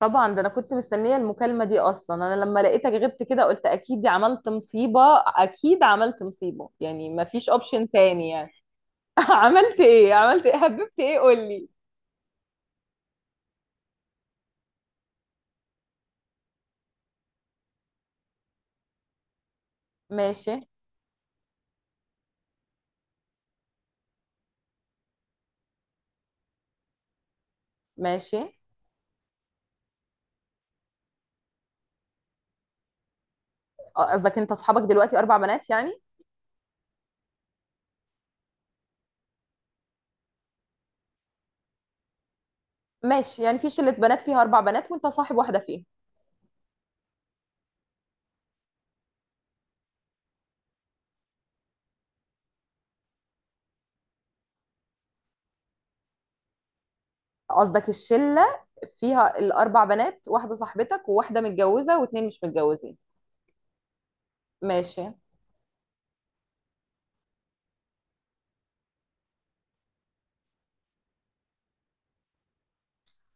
طبعا ده انا كنت مستنيه المكالمه دي اصلا، انا لما لقيتك غبت كده قلت اكيد دي عملت مصيبه. اكيد عملت مصيبه، يعني ما فيش اوبشن تاني يعني. عملت ايه؟ عملت ايه؟ هببت ايه؟ قول لي. ماشي. ماشي. آه، قصدك انت اصحابك دلوقتي اربع بنات يعني. ماشي، يعني في شله بنات فيها اربع بنات وانت صاحب واحده فيهم. قصدك الشله فيها الاربع بنات، واحده صاحبتك وواحده متجوزه واتنين مش متجوزين. ماشي.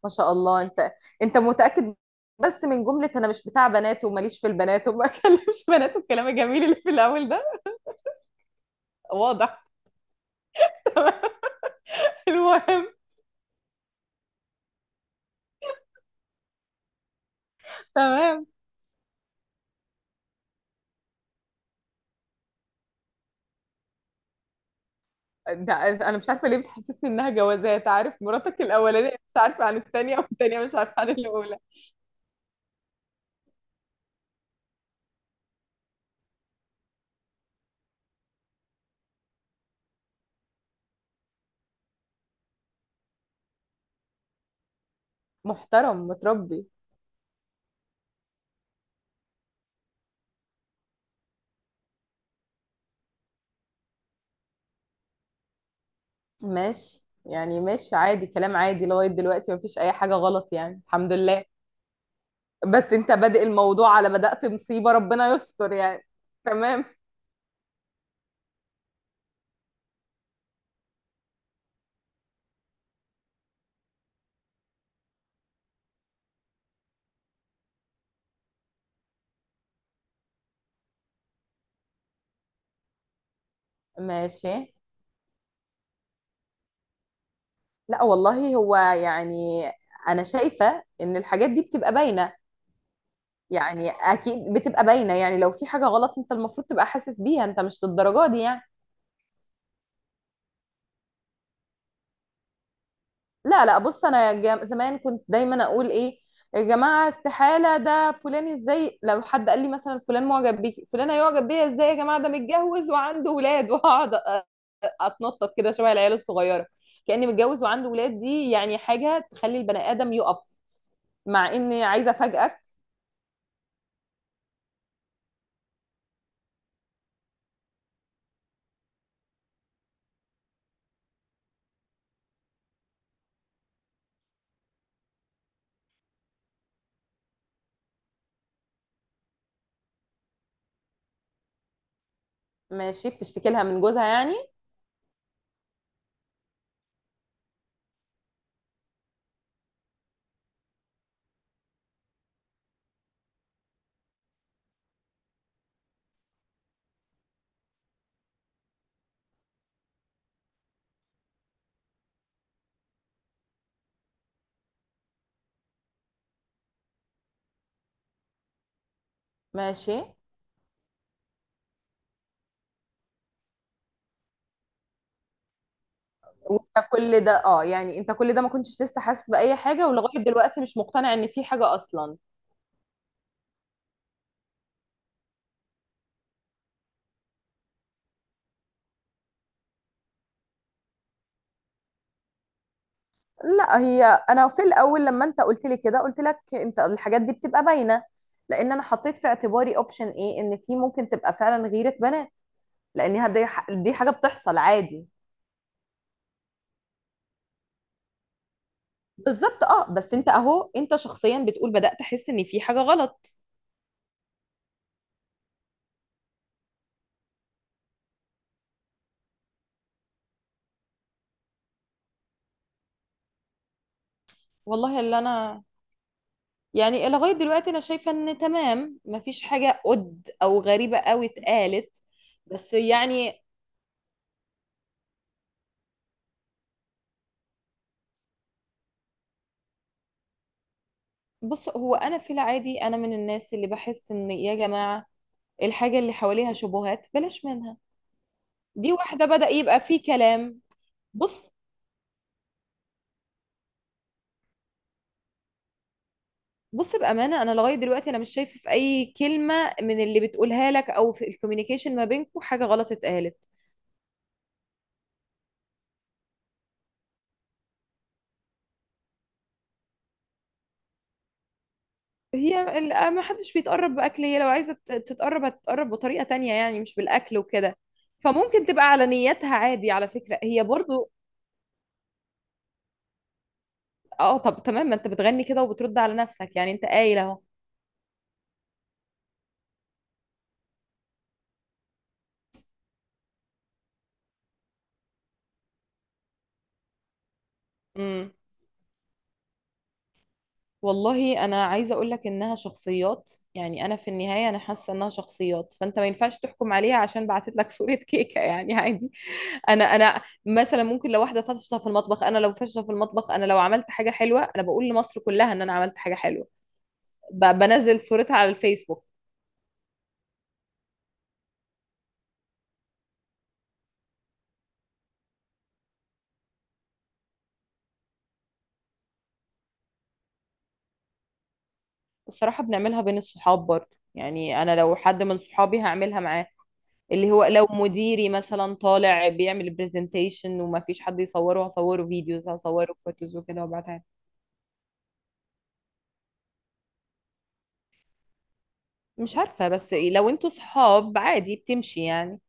ما شاء الله. انت متأكد؟ بس من جملة انا مش بتاع بنات وماليش في البنات وما اكلمش بنات والكلام الجميل اللي في الاول ده. واضح. تمام. المهم. تمام. ده انا مش عارفة ليه بتحسسني انها جوازات، عارف مراتك الاولانية مش عارفة عن التانية والتانية مش عارفة عن الاولى. محترم متربي. ماشي، يعني ماشي، عادي، كلام عادي لغاية دلوقتي مفيش اي حاجة غلط يعني، الحمد لله. بس انت بادئ الموضوع على بدأت مصيبة، ربنا يستر يعني. تمام. ماشي. لا والله هو يعني، انا شايفه ان الحاجات دي بتبقى باينه، يعني اكيد بتبقى باينه، يعني لو في حاجه غلط انت المفروض تبقى حاسس بيها، انت مش للدرجه دي يعني. لا لا، بص، زمان كنت دايما اقول ايه، يا جماعه استحاله ده فلان ازاي، لو حد قال لي مثلا فلان معجب بيكي، فلان هيعجب بيا ازاي؟ يا جماعه ده متجوز وعنده ولاد وهقعد اتنطط كده شبه العيال الصغيره، كاني متجوز وعنده ولاد، دي يعني حاجه تخلي البني ادم يقف. مع اني عايزه افاجئك. ماشي، بتشتكي لها من جوزها يعني. ماشي. وانت كل ده، يعني انت كل ده ما كنتش لسه حاسس بأي حاجة، ولغاية دلوقتي مش مقتنع ان في حاجة اصلا؟ لا هي، انا في الاول لما انت قلت لي كده قلت لك انت، الحاجات دي بتبقى باينه، لان انا حطيت في اعتباري اوبشن ايه، ان في ممكن تبقى فعلا غيره بنات، لانها دي حاجه بتحصل عادي. بالظبط اه، بس انت اهو، انت شخصيا بتقول بدأت احس ان في حاجة غلط. والله اللي انا، يعني لغاية دلوقتي أنا شايفة إن تمام، مفيش حاجة قد أو غريبة أوي اتقالت. بس يعني، بص هو، أنا في العادي أنا من الناس اللي بحس إن يا جماعة الحاجة اللي حواليها شبهات بلاش منها. دي واحدة، بدأ يبقى في كلام. بص بص، بأمانة أنا لغاية دلوقتي أنا مش شايفة في أي كلمة من اللي بتقولها لك أو في الكوميونيكيشن ما بينكم حاجة غلط اتقالت. ما حدش بيتقرب باكل، هي لو عايزه تتقرب هتتقرب بطريقه تانية، يعني مش بالاكل وكده. فممكن تبقى على نيتها عادي، على فكره هي برضو. اه، طب تمام، ما انت بتغني كده وبترد على نفسك يعني، انت قايل اهو. امم والله انا عايزه اقول لك انها شخصيات، يعني انا في النهايه انا حاسه انها شخصيات، فانت ما ينفعش تحكم عليها عشان بعتت لك صوره كيكه يعني عادي. انا مثلا ممكن لو واحده فاشله في المطبخ، انا لو فاشله في المطبخ، انا لو عملت حاجه حلوه انا بقول لمصر كلها ان انا عملت حاجه حلوه، بنزل صورتها على الفيسبوك. الصراحة بنعملها بين الصحاب برضه، يعني أنا لو حد من صحابي هعملها معاه. اللي هو لو مديري مثلا طالع بيعمل برزنتيشن وما فيش حد يصوره، هصوره فيديوز، هصوره فوتوز وكده وابعتها له. مش عارفة، بس إيه، لو انتوا صحاب عادي بتمشي يعني.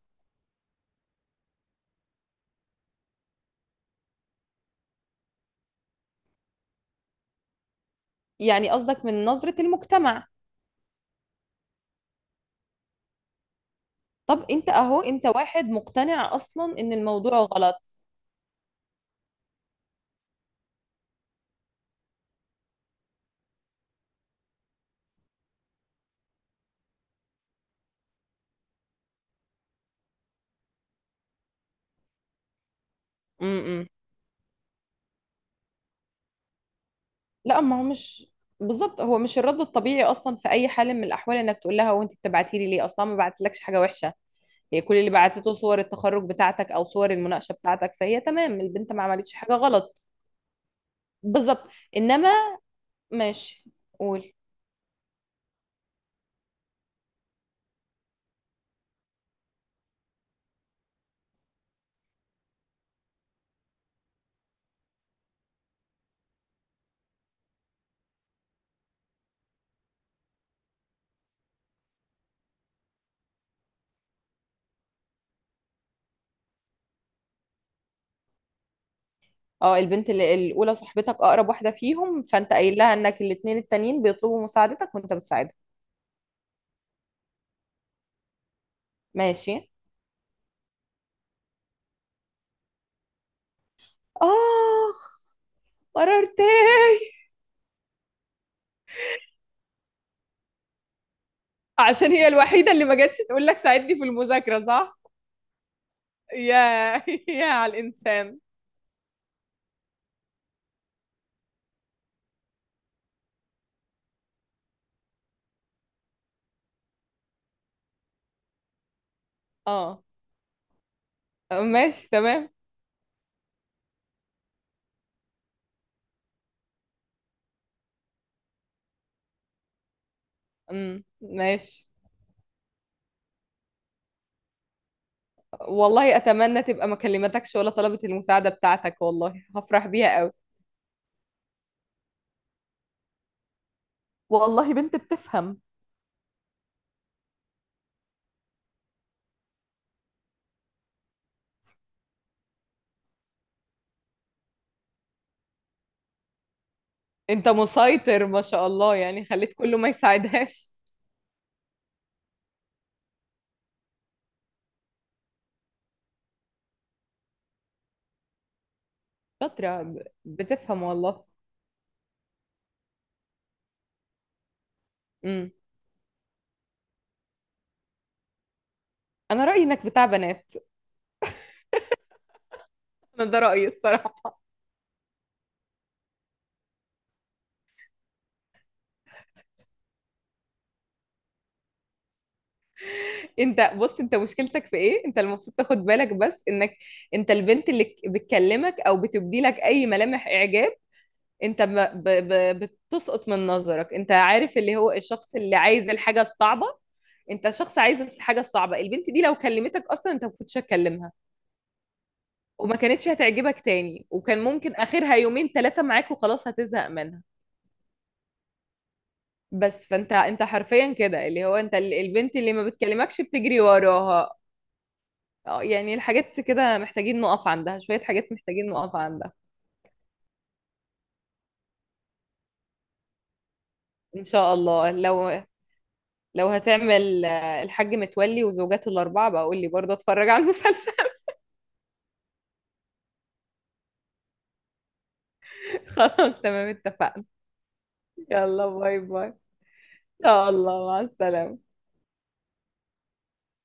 يعني قصدك من نظرة المجتمع. طب انت اهو، انت واحد مقتنع اصلا ان الموضوع غلط. م- م. لا، ما هو مش، بالظبط هو مش الرد الطبيعي اصلا في اي حال من الاحوال انك تقول لها وانت بتبعتي لي ليه؟ اصلا ما بعتلكش حاجه وحشه. هي كل اللي بعتته صور التخرج بتاعتك او صور المناقشه بتاعتك، فهي تمام، البنت ما عملتش حاجه غلط. بالظبط. انما، ماشي. قول. اه، البنت اللي الاولى صاحبتك اقرب واحده فيهم، فانت قايل لها انك الاتنين التانيين بيطلبوا مساعدتك وانت بتساعدهم. ماشي. اخ، قررت. عشان هي الوحيده اللي ما جاتش تقول لك ساعدني في المذاكره، صح؟ يا يا على الإنسان. اه، ماشي تمام. ماشي. والله أتمنى تبقى ما كلمتكش ولا طلبت المساعدة بتاعتك، والله هفرح بيها قوي. والله بنت بتفهم. انت مسيطر ما شاء الله، يعني خليت كله ما يساعدهاش. شاطرة، بتفهم والله. امم انا رأيي انك بتاع بنات. انا ده رأيي الصراحة. انت بص، انت مشكلتك في ايه؟ انت المفروض تاخد بالك بس انك، انت البنت اللي بتكلمك او بتبدي لك اي ملامح اعجاب، انت بتسقط من نظرك. انت عارف اللي هو الشخص اللي عايز الحاجة الصعبة. انت شخص عايز الحاجة الصعبة. البنت دي لو كلمتك اصلا انت ما كنتش هتكلمها، وما كانتش هتعجبك تاني، وكان ممكن اخرها يومين ثلاثة معاك وخلاص هتزهق منها. بس فانت حرفيا كده، اللي هو انت البنت اللي ما بتكلمكش بتجري وراها. اه، يعني الحاجات كده محتاجين نقف عندها، شوية حاجات محتاجين نقف عندها. ان شاء الله، لو هتعمل الحاج متولي وزوجاته الأربعة بقى قول لي، برضه أتفرج على المسلسل. خلاص تمام اتفقنا. يلا باي باي. يا الله مع السلامة.